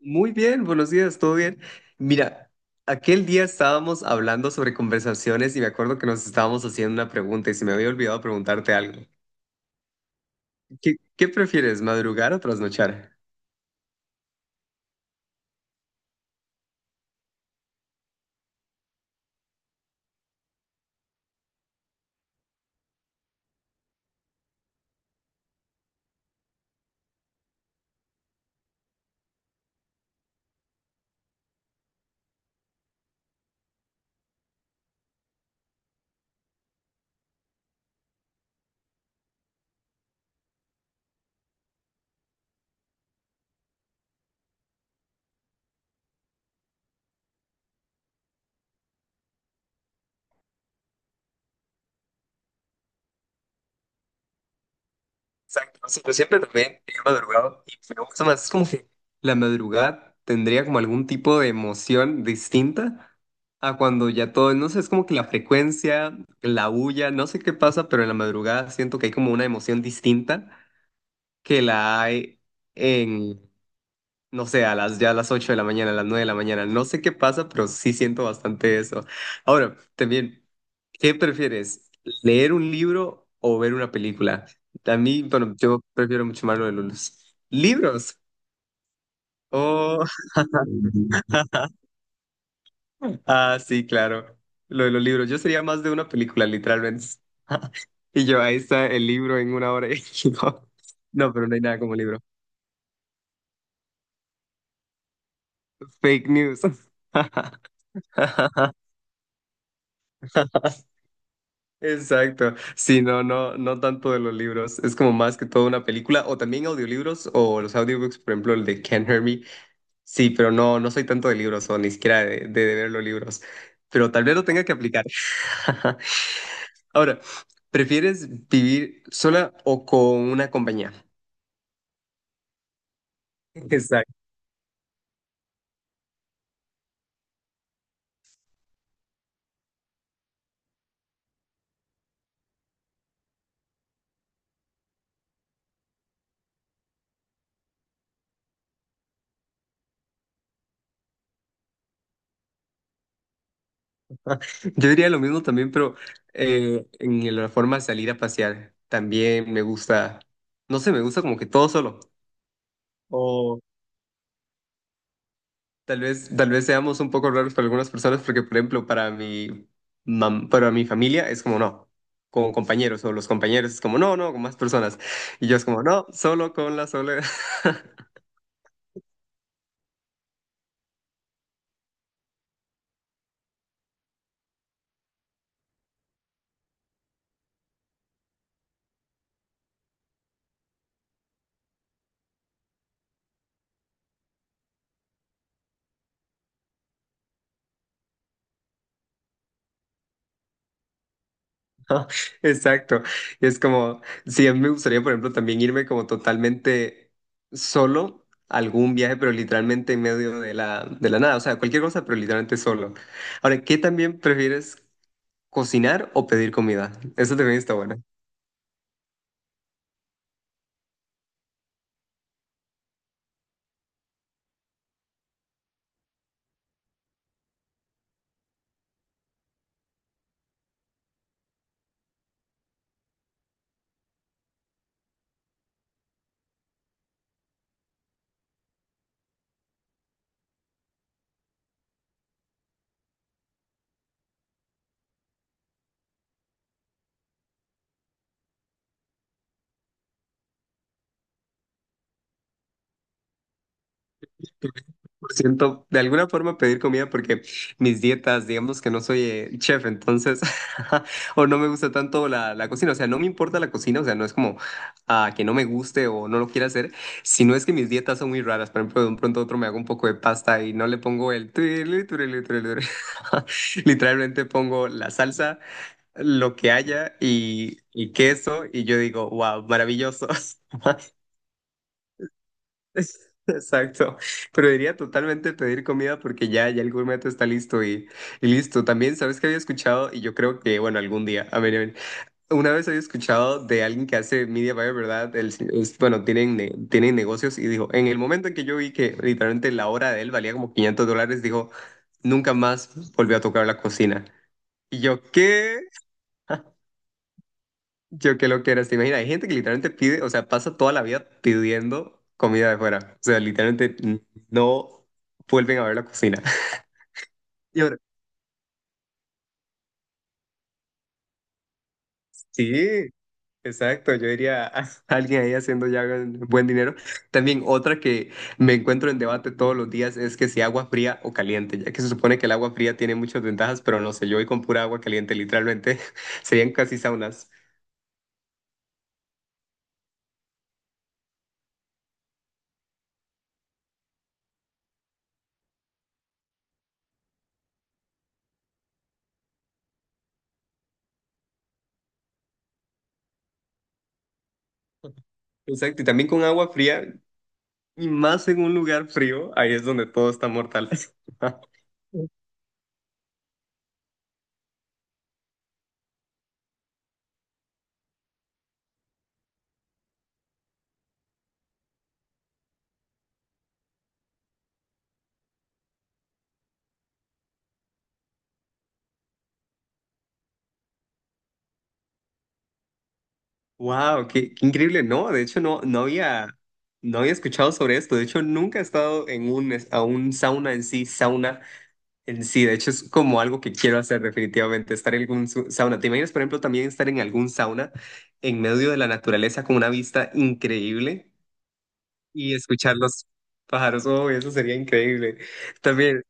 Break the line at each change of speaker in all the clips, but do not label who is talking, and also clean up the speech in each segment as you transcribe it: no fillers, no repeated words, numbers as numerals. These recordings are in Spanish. Muy bien, buenos días, ¿todo bien? Mira, aquel día estábamos hablando sobre conversaciones y me acuerdo que nos estábamos haciendo una pregunta y se me había olvidado preguntarte algo. ¿Qué prefieres, madrugar o trasnochar? Exacto, o sea, yo siempre también he madrugado y me gusta más, es como que la madrugada tendría como algún tipo de emoción distinta a cuando ya todo, no sé, es como que la frecuencia, la bulla, no sé qué pasa, pero en la madrugada siento que hay como una emoción distinta que la hay en... no sé, ya a las 8 de la mañana, a las 9 de la mañana. No sé qué pasa, pero sí siento bastante eso. Ahora, también, ¿qué prefieres? ¿Leer un libro o ver una película? A mí, bueno, yo prefiero mucho más lo de los libros. Oh, ah, sí, claro. Lo de los libros. Yo sería más de una película, literalmente. Y yo, ahí está el libro en una hora. No, pero no hay nada como libro. Fake news. Exacto. Sí, no, no, no tanto de los libros. Es como más que todo una película o también audiolibros o los audiobooks, por ejemplo, el de Can't Hear Me. Sí, pero no, no soy tanto de libros o ni siquiera de ver los libros. Pero tal vez lo tenga que aplicar. Ahora, ¿prefieres vivir sola o con una compañía? Exacto. Yo diría lo mismo también, pero en la forma de salir a pasear, también me gusta, no sé, me gusta como que todo solo. Tal vez seamos un poco raros para algunas personas, porque, por ejemplo, para mi familia es como no, con compañeros, o los compañeros es como no, no, con más personas. Y yo es como no, solo con la soledad. Ajá, exacto. Y es como, sí, a mí me gustaría, por ejemplo, también irme como totalmente solo a algún viaje, pero literalmente en medio de la nada. O sea, cualquier cosa, pero literalmente solo. Ahora, ¿qué también prefieres, cocinar o pedir comida? Eso también está bueno. Siento de alguna forma pedir comida porque mis dietas, digamos que no soy chef, entonces, o no me gusta tanto la cocina, o sea, no me importa la cocina, o sea, no es como que no me guste o no lo quiera hacer, sino es que mis dietas son muy raras, por ejemplo, de un pronto a otro me hago un poco de pasta y no le pongo tuirulí, tuirulí, tuirulí. Literalmente pongo la salsa, lo que haya y queso y yo digo, wow, maravilloso. Exacto, pero diría totalmente pedir comida porque ya, ya el gourmet está listo y listo. También, ¿sabes qué había escuchado? Y yo creo que, bueno, algún día, a ver, una vez había escuchado de alguien que hace media buyer, ¿verdad? Él sí, bueno, tienen negocios y dijo, en el momento en que yo vi que literalmente la hora de él valía como $500, dijo, nunca más volvió a tocar la cocina. Y yo, ¿qué? Yo que lo que eras, te imaginas, hay gente que literalmente pide, o sea, pasa toda la vida pidiendo comida de fuera. O sea, literalmente no vuelven a ver la cocina. Y ahora, sí, exacto, yo diría a alguien ahí haciendo ya buen dinero. También otra que me encuentro en debate todos los días es que si agua fría o caliente, ya que se supone que el agua fría tiene muchas ventajas, pero no sé, yo voy con pura agua caliente, literalmente serían casi saunas. Exacto, y también con agua fría, y más en un lugar frío, ahí es donde todo está mortal. Wow, qué increíble. No, de hecho no había escuchado sobre esto. De hecho, nunca he estado a un sauna en sí. De hecho, es como algo que quiero hacer definitivamente, estar en algún sauna. ¿Te imaginas, por ejemplo, también estar en algún sauna en medio de la naturaleza con una vista increíble y escuchar los pájaros? Oh, eso sería increíble. También,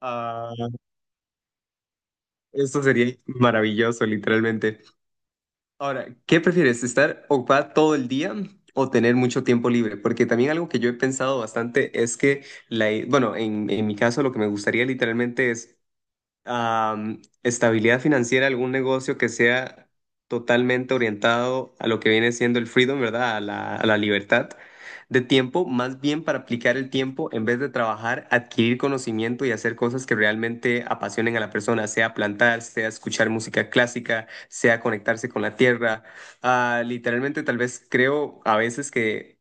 ah, esto sería maravilloso, literalmente. Ahora, ¿qué prefieres? ¿Estar ocupada todo el día o tener mucho tiempo libre? Porque también algo que yo he pensado bastante es que, bueno, en mi caso lo que me gustaría literalmente es estabilidad financiera, algún negocio que sea totalmente orientado a lo que viene siendo el freedom, ¿verdad? A la libertad de tiempo, más bien para aplicar el tiempo en vez de trabajar, adquirir conocimiento y hacer cosas que realmente apasionen a la persona, sea plantar, sea escuchar música clásica, sea conectarse con la tierra. Ah, literalmente, tal vez creo a veces que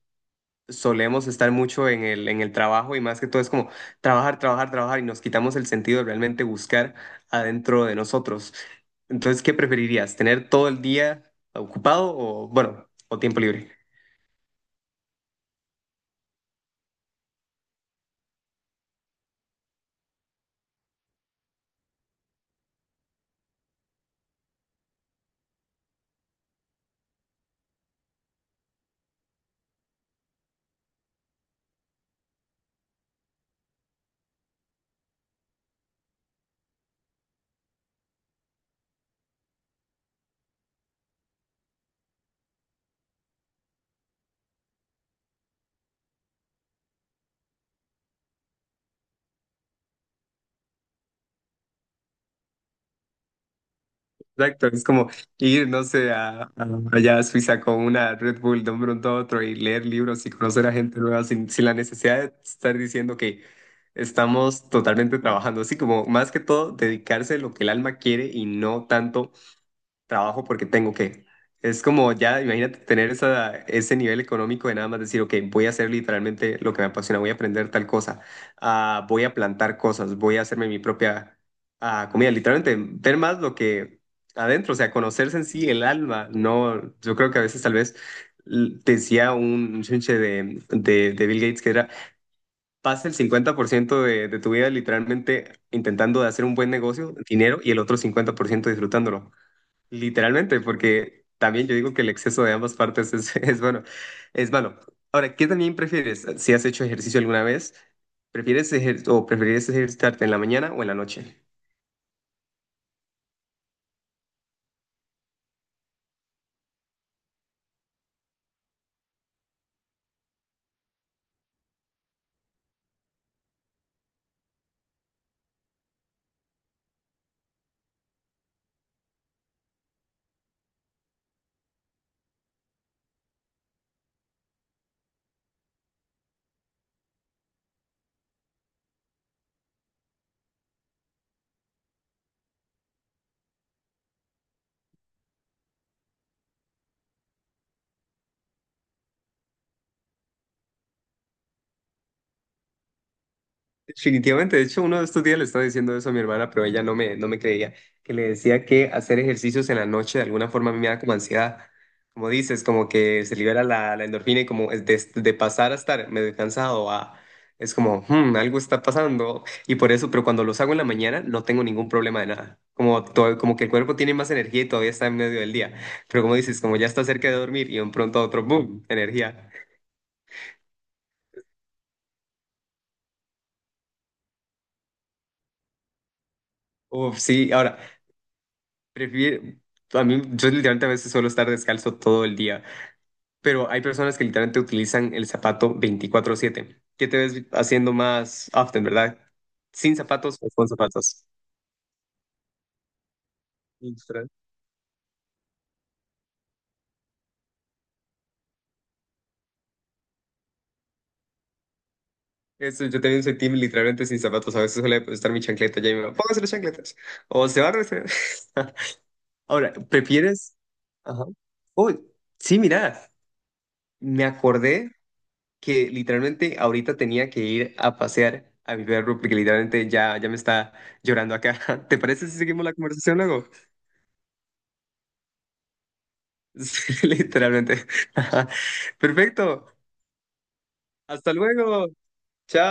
solemos estar mucho en el trabajo y más que todo es como trabajar, trabajar, trabajar y nos quitamos el sentido de realmente buscar adentro de nosotros. Entonces, ¿qué preferirías? ¿Tener todo el día ocupado o, bueno, o tiempo libre? Exacto, es como ir, no sé, allá a Suiza con una Red Bull de un pronto a otro y leer libros y conocer a gente nueva sin la necesidad de estar diciendo que estamos totalmente trabajando, así como más que todo dedicarse a lo que el alma quiere y no tanto trabajo porque tengo que. Es como ya, imagínate tener ese nivel económico de nada más decir, ok, voy a hacer literalmente lo que me apasiona, voy a aprender tal cosa, ah, voy a plantar cosas, voy a hacerme mi propia comida, literalmente ver más lo que adentro, o sea, conocerse en sí el alma, no, yo creo que a veces tal vez decía un chinche de Bill Gates que era, pasa el 50% de tu vida literalmente intentando de hacer un buen negocio, dinero, y el otro 50% disfrutándolo. Literalmente, porque también yo digo que el exceso de ambas partes es, es bueno, es malo. Ahora, ¿qué también prefieres? Si has hecho ejercicio alguna vez, ¿prefieres o preferirías ejercitarte en la mañana o en la noche? Definitivamente, de hecho, uno de estos días le estaba diciendo eso a mi hermana, pero ella no me creía, que le decía que hacer ejercicios en la noche de alguna forma a mí me da como ansiedad, como dices, como que se libera la endorfina y como es de pasar a estar medio cansado es como, "Hmm, algo está pasando", y por eso, pero cuando los hago en la mañana no tengo ningún problema de nada, como que el cuerpo tiene más energía y todavía está en medio del día, pero como dices, como ya está cerca de dormir y de un pronto a otro, ¡boom!, energía. Uf, sí, ahora. Prefiero, a mí, yo literalmente a veces suelo estar descalzo todo el día, pero hay personas que literalmente utilizan el zapato 24/7. ¿Qué te ves haciendo más often, verdad? ¿Sin zapatos o con zapatos? Literal. Eso, yo también soy team literalmente sin zapatos. A veces suele estar mi chancleta ya y me va, póngase las chancletas. O se va a resfriar. Ahora, ¿prefieres? Ajá. Uy, sí, mira, me acordé que literalmente ahorita tenía que ir a pasear a mi perro porque literalmente ya me está llorando acá. ¿Te parece si seguimos la conversación luego? Sí, literalmente. Perfecto. Hasta luego.